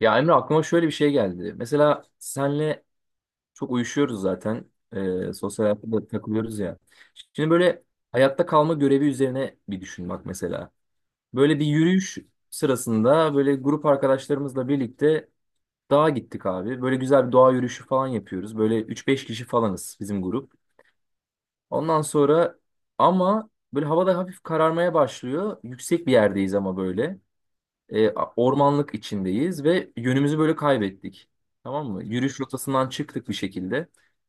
Ya Emre aklıma şöyle bir şey geldi. Mesela senle çok uyuşuyoruz zaten. Sosyal hayatta da takılıyoruz ya. Şimdi böyle hayatta kalma görevi üzerine bir düşün bak mesela. Böyle bir yürüyüş sırasında böyle grup arkadaşlarımızla birlikte dağa gittik abi. Böyle güzel bir doğa yürüyüşü falan yapıyoruz. Böyle üç beş kişi falanız bizim grup. Ondan sonra ama böyle havada hafif kararmaya başlıyor. Yüksek bir yerdeyiz ama böyle. E, ormanlık içindeyiz ve yönümüzü böyle kaybettik. Tamam mı? Yürüyüş rotasından çıktık bir şekilde.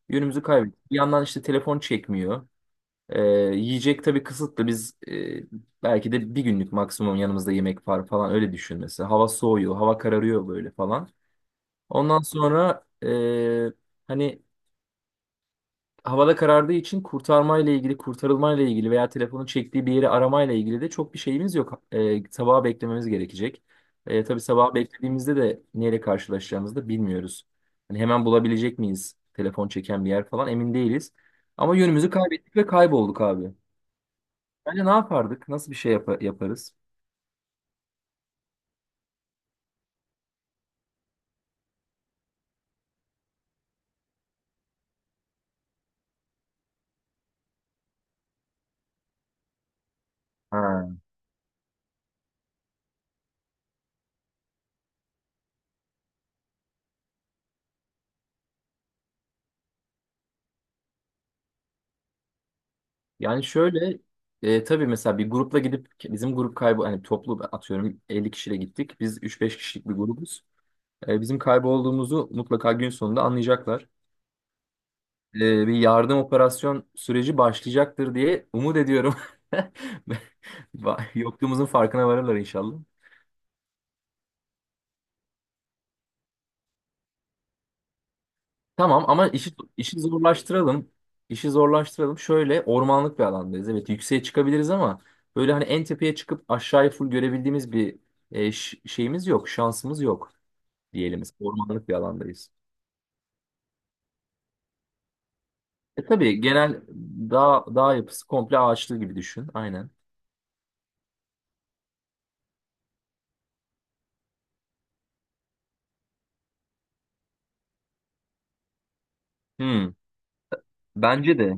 Yönümüzü kaybettik. Bir yandan işte telefon çekmiyor. E, yiyecek tabii kısıtlı. Biz belki de bir günlük maksimum yanımızda yemek var falan öyle düşünmesi. Hava soğuyor, hava kararıyor böyle falan. Ondan sonra hani havada karardığı için kurtarmayla ilgili, kurtarılmayla ilgili veya telefonun çektiği bir yeri aramayla ilgili de çok bir şeyimiz yok. Sabaha beklememiz gerekecek. Tabii sabaha beklediğimizde de neyle karşılaşacağımızı da bilmiyoruz. Hani hemen bulabilecek miyiz telefon çeken bir yer falan emin değiliz. Ama yönümüzü kaybettik ve kaybolduk abi. Bence ne yapardık? Nasıl yaparız? Ha. Yani şöyle tabii mesela bir grupla gidip bizim grup kaybı hani toplu atıyorum 50 kişiyle gittik. Biz 3-5 kişilik bir grubuz. Bizim kaybolduğumuzu mutlaka gün sonunda anlayacaklar. E, bir yardım operasyon süreci başlayacaktır diye umut ediyorum. Yokluğumuzun farkına varırlar inşallah. Tamam ama işi zorlaştıralım. İşi zorlaştıralım. Şöyle ormanlık bir alandayız. Evet yükseğe çıkabiliriz ama böyle hani en tepeye çıkıp aşağıyı full görebildiğimiz bir şeyimiz yok. Şansımız yok diyelim. Ormanlık bir alandayız. Tabii genel dağ yapısı komple ağaçlı gibi düşün. Aynen. Hmm. Bence de.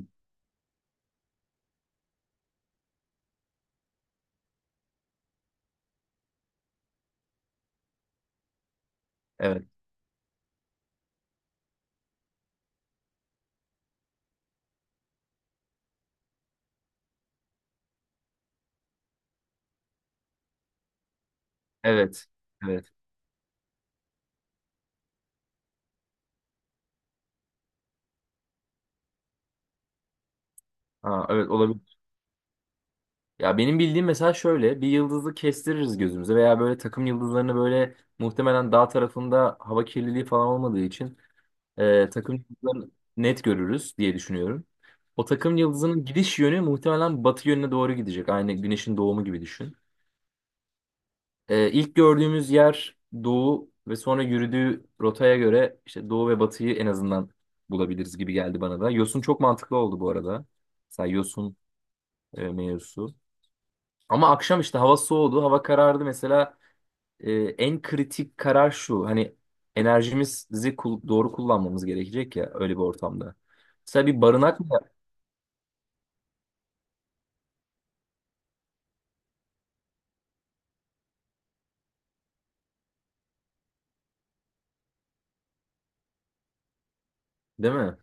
Evet. Evet. Evet. Ha, evet olabilir. Ya benim bildiğim mesela şöyle bir yıldızı kestiririz gözümüze veya böyle takım yıldızlarını böyle muhtemelen dağ tarafında hava kirliliği falan olmadığı için takım yıldızlarını net görürüz diye düşünüyorum. O takım yıldızının gidiş yönü muhtemelen batı yönüne doğru gidecek. Aynı güneşin doğumu gibi düşün. İlk gördüğümüz yer doğu ve sonra yürüdüğü rotaya göre işte doğu ve batıyı en azından bulabiliriz gibi geldi bana da. Yosun çok mantıklı oldu bu arada. Mesela Yosun mevzusu. Ama akşam işte hava soğudu, hava karardı. Mesela en kritik karar şu. Hani doğru kullanmamız gerekecek ya öyle bir ortamda. Mesela bir barınak mı, değil mi?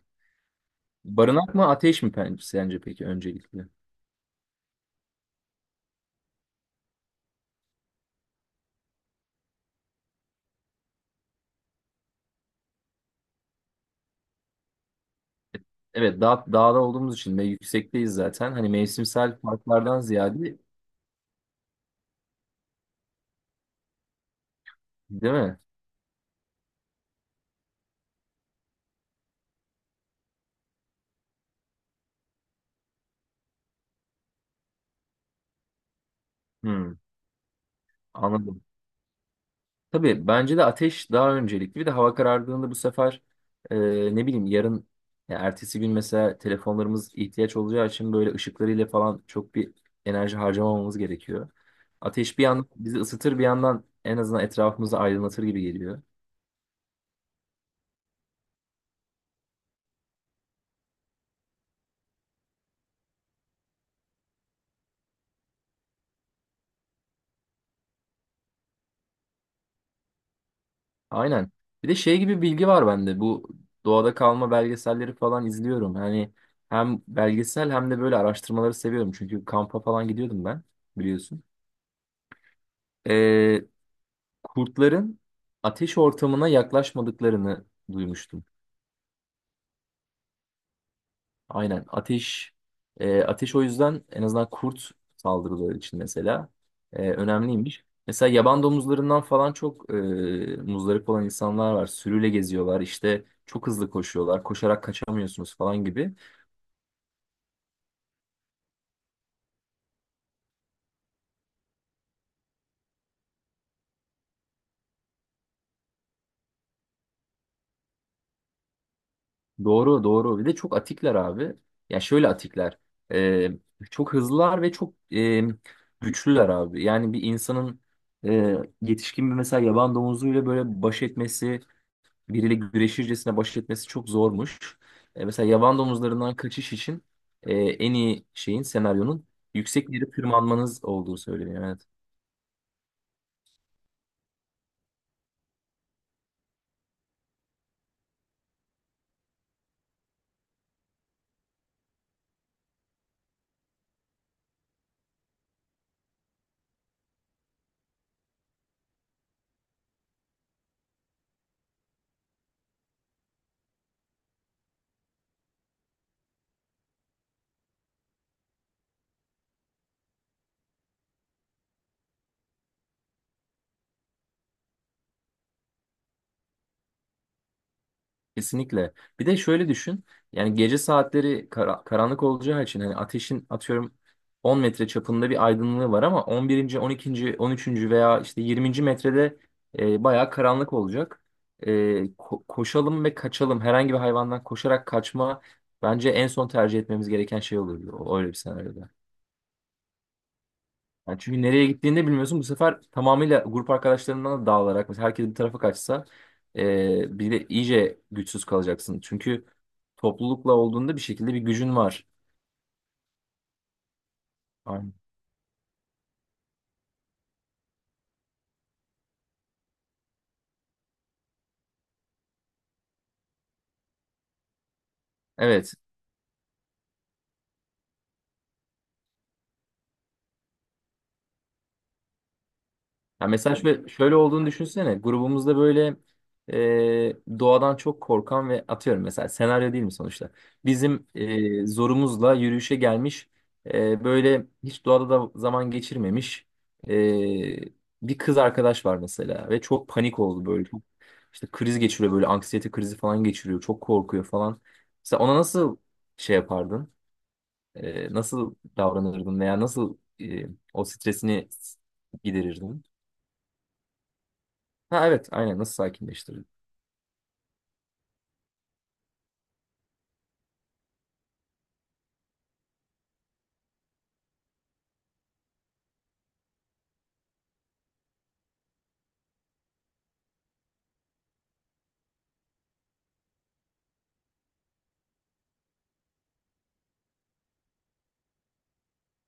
Barınak mı ateş sence peki öncelikle? Evet dağda olduğumuz için ve yüksekteyiz zaten. Hani mevsimsel farklardan ziyade değil mi? Hmm, anladım. Tabii bence de ateş daha öncelikli. Bir de hava karardığında bu sefer e, ne bileyim yarın ya ertesi gün mesela telefonlarımız ihtiyaç olacağı için böyle ışıklarıyla falan çok bir enerji harcamamamız gerekiyor. Ateş bir yandan bizi ısıtır bir yandan en azından etrafımızı aydınlatır gibi geliyor. Aynen. Bir de şey gibi bilgi var bende. Bu doğada kalma belgeselleri falan izliyorum. Hani hem belgesel hem de böyle araştırmaları seviyorum. Çünkü kampa falan gidiyordum ben biliyorsun. Ee, kurtların ateş ortamına yaklaşmadıklarını duymuştum. Aynen. Ateş o yüzden en azından kurt saldırıları için mesela önemliymiş. Mesela yaban domuzlarından falan çok muzdarip olan insanlar var. Sürüyle geziyorlar işte çok hızlı koşuyorlar. Koşarak kaçamıyorsunuz falan gibi. Doğru doğru. Bir de çok atikler abi. Ya şöyle atikler. E, çok hızlılar ve çok güçlüler abi. Yani bir insanın yetişkin bir mesela yaban domuzuyla böyle baş etmesi biriyle güreşircesine baş etmesi çok zormuş. Mesela yaban domuzlarından kaçış için en iyi senaryonun yüksek bir yere tırmanmanız olduğu söyleniyor. Yani kesinlikle. Bir de şöyle düşün. Yani gece saatleri karanlık olacağı için hani ateşin atıyorum 10 metre çapında bir aydınlığı var ama 11. 12. 13. veya işte 20. metrede bayağı karanlık olacak. E, Koşalım ve kaçalım. Herhangi bir hayvandan koşarak kaçma bence en son tercih etmemiz gereken şey olurdu. Öyle bir senaryoda. Yani çünkü nereye gittiğini de bilmiyorsun. Bu sefer tamamıyla grup arkadaşlarından da dağılarak mesela herkes bir tarafa kaçsa bir de iyice güçsüz kalacaksın. Çünkü toplulukla olduğunda bir şekilde bir gücün var. Aynen. Evet. Ya mesela yani şöyle olduğunu düşünsene. Grubumuzda böyle doğadan çok korkan ve atıyorum mesela senaryo değil mi sonuçta? Bizim zorumuzla yürüyüşe gelmiş böyle hiç doğada da zaman geçirmemiş e, bir kız arkadaş var mesela ve çok panik oldu böyle. Çok, işte kriz geçiriyor böyle anksiyete krizi falan geçiriyor. Çok korkuyor falan. Mesela ona nasıl şey yapardın? Nasıl davranırdın veya nasıl o stresini giderirdin? Ha evet aynen nasıl sakinleştirir?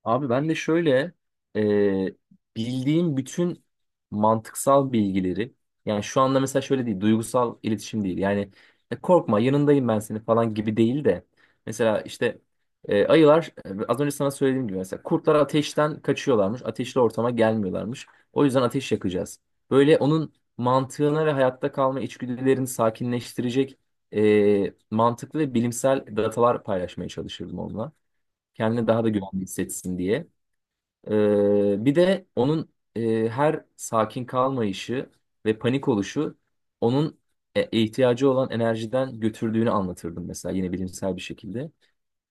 Abi ben de şöyle e, bildiğim bütün mantıksal bilgileri yani şu anda mesela şöyle değil duygusal iletişim değil yani "Korkma yanındayım ben seni falan gibi değil de mesela işte ayılar az önce sana söylediğim gibi mesela kurtlar ateşten kaçıyorlarmış ateşli ortama gelmiyorlarmış o yüzden ateş yakacağız. Böyle onun mantığına ve hayatta kalma içgüdülerini sakinleştirecek mantıklı ve bilimsel datalar paylaşmaya çalışırdım onunla. Kendini daha da güvenli hissetsin diye. Bir de onun her sakin kalmayışı ve panik oluşu onun ihtiyacı olan enerjiden götürdüğünü anlatırdım mesela yine bilimsel bir şekilde.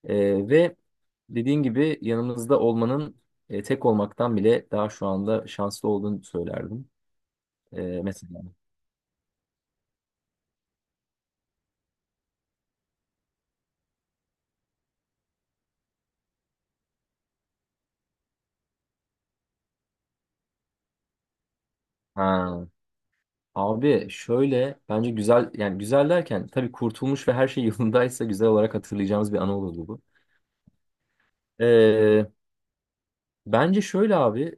Ve dediğin gibi yanımızda olmanın tek olmaktan bile daha şu anda şanslı olduğunu söylerdim. Mesela. Ha. Abi şöyle bence güzel yani güzel derken tabii kurtulmuş ve her şey yolundaysa güzel olarak hatırlayacağımız bir anı olurdu bu. Ee, Bence şöyle abi.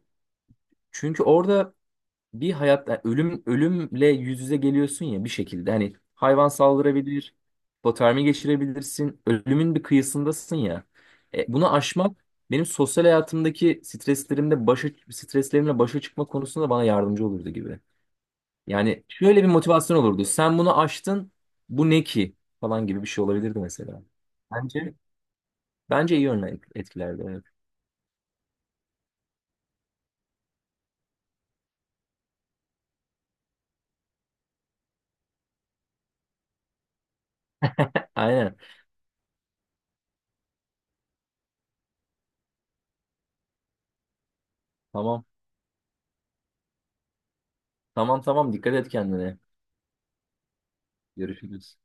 Çünkü orada bir hayat yani ölümle yüz yüze geliyorsun ya bir şekilde. Hani hayvan saldırabilir, hipotermi geçirebilirsin. Ölümün bir kıyısındasın ya. Bunu aşmak benim sosyal hayatımdaki streslerimde başa streslerimle başa çıkma konusunda bana yardımcı olurdu gibi. Yani şöyle bir motivasyon olurdu. Sen bunu aştın. Bu ne ki? Falan gibi bir şey olabilirdi mesela. Bence Bence iyi yönler etkilerdi. Evet. Aynen. Tamam. Tamam tamam, dikkat et kendine. Görüşürüz.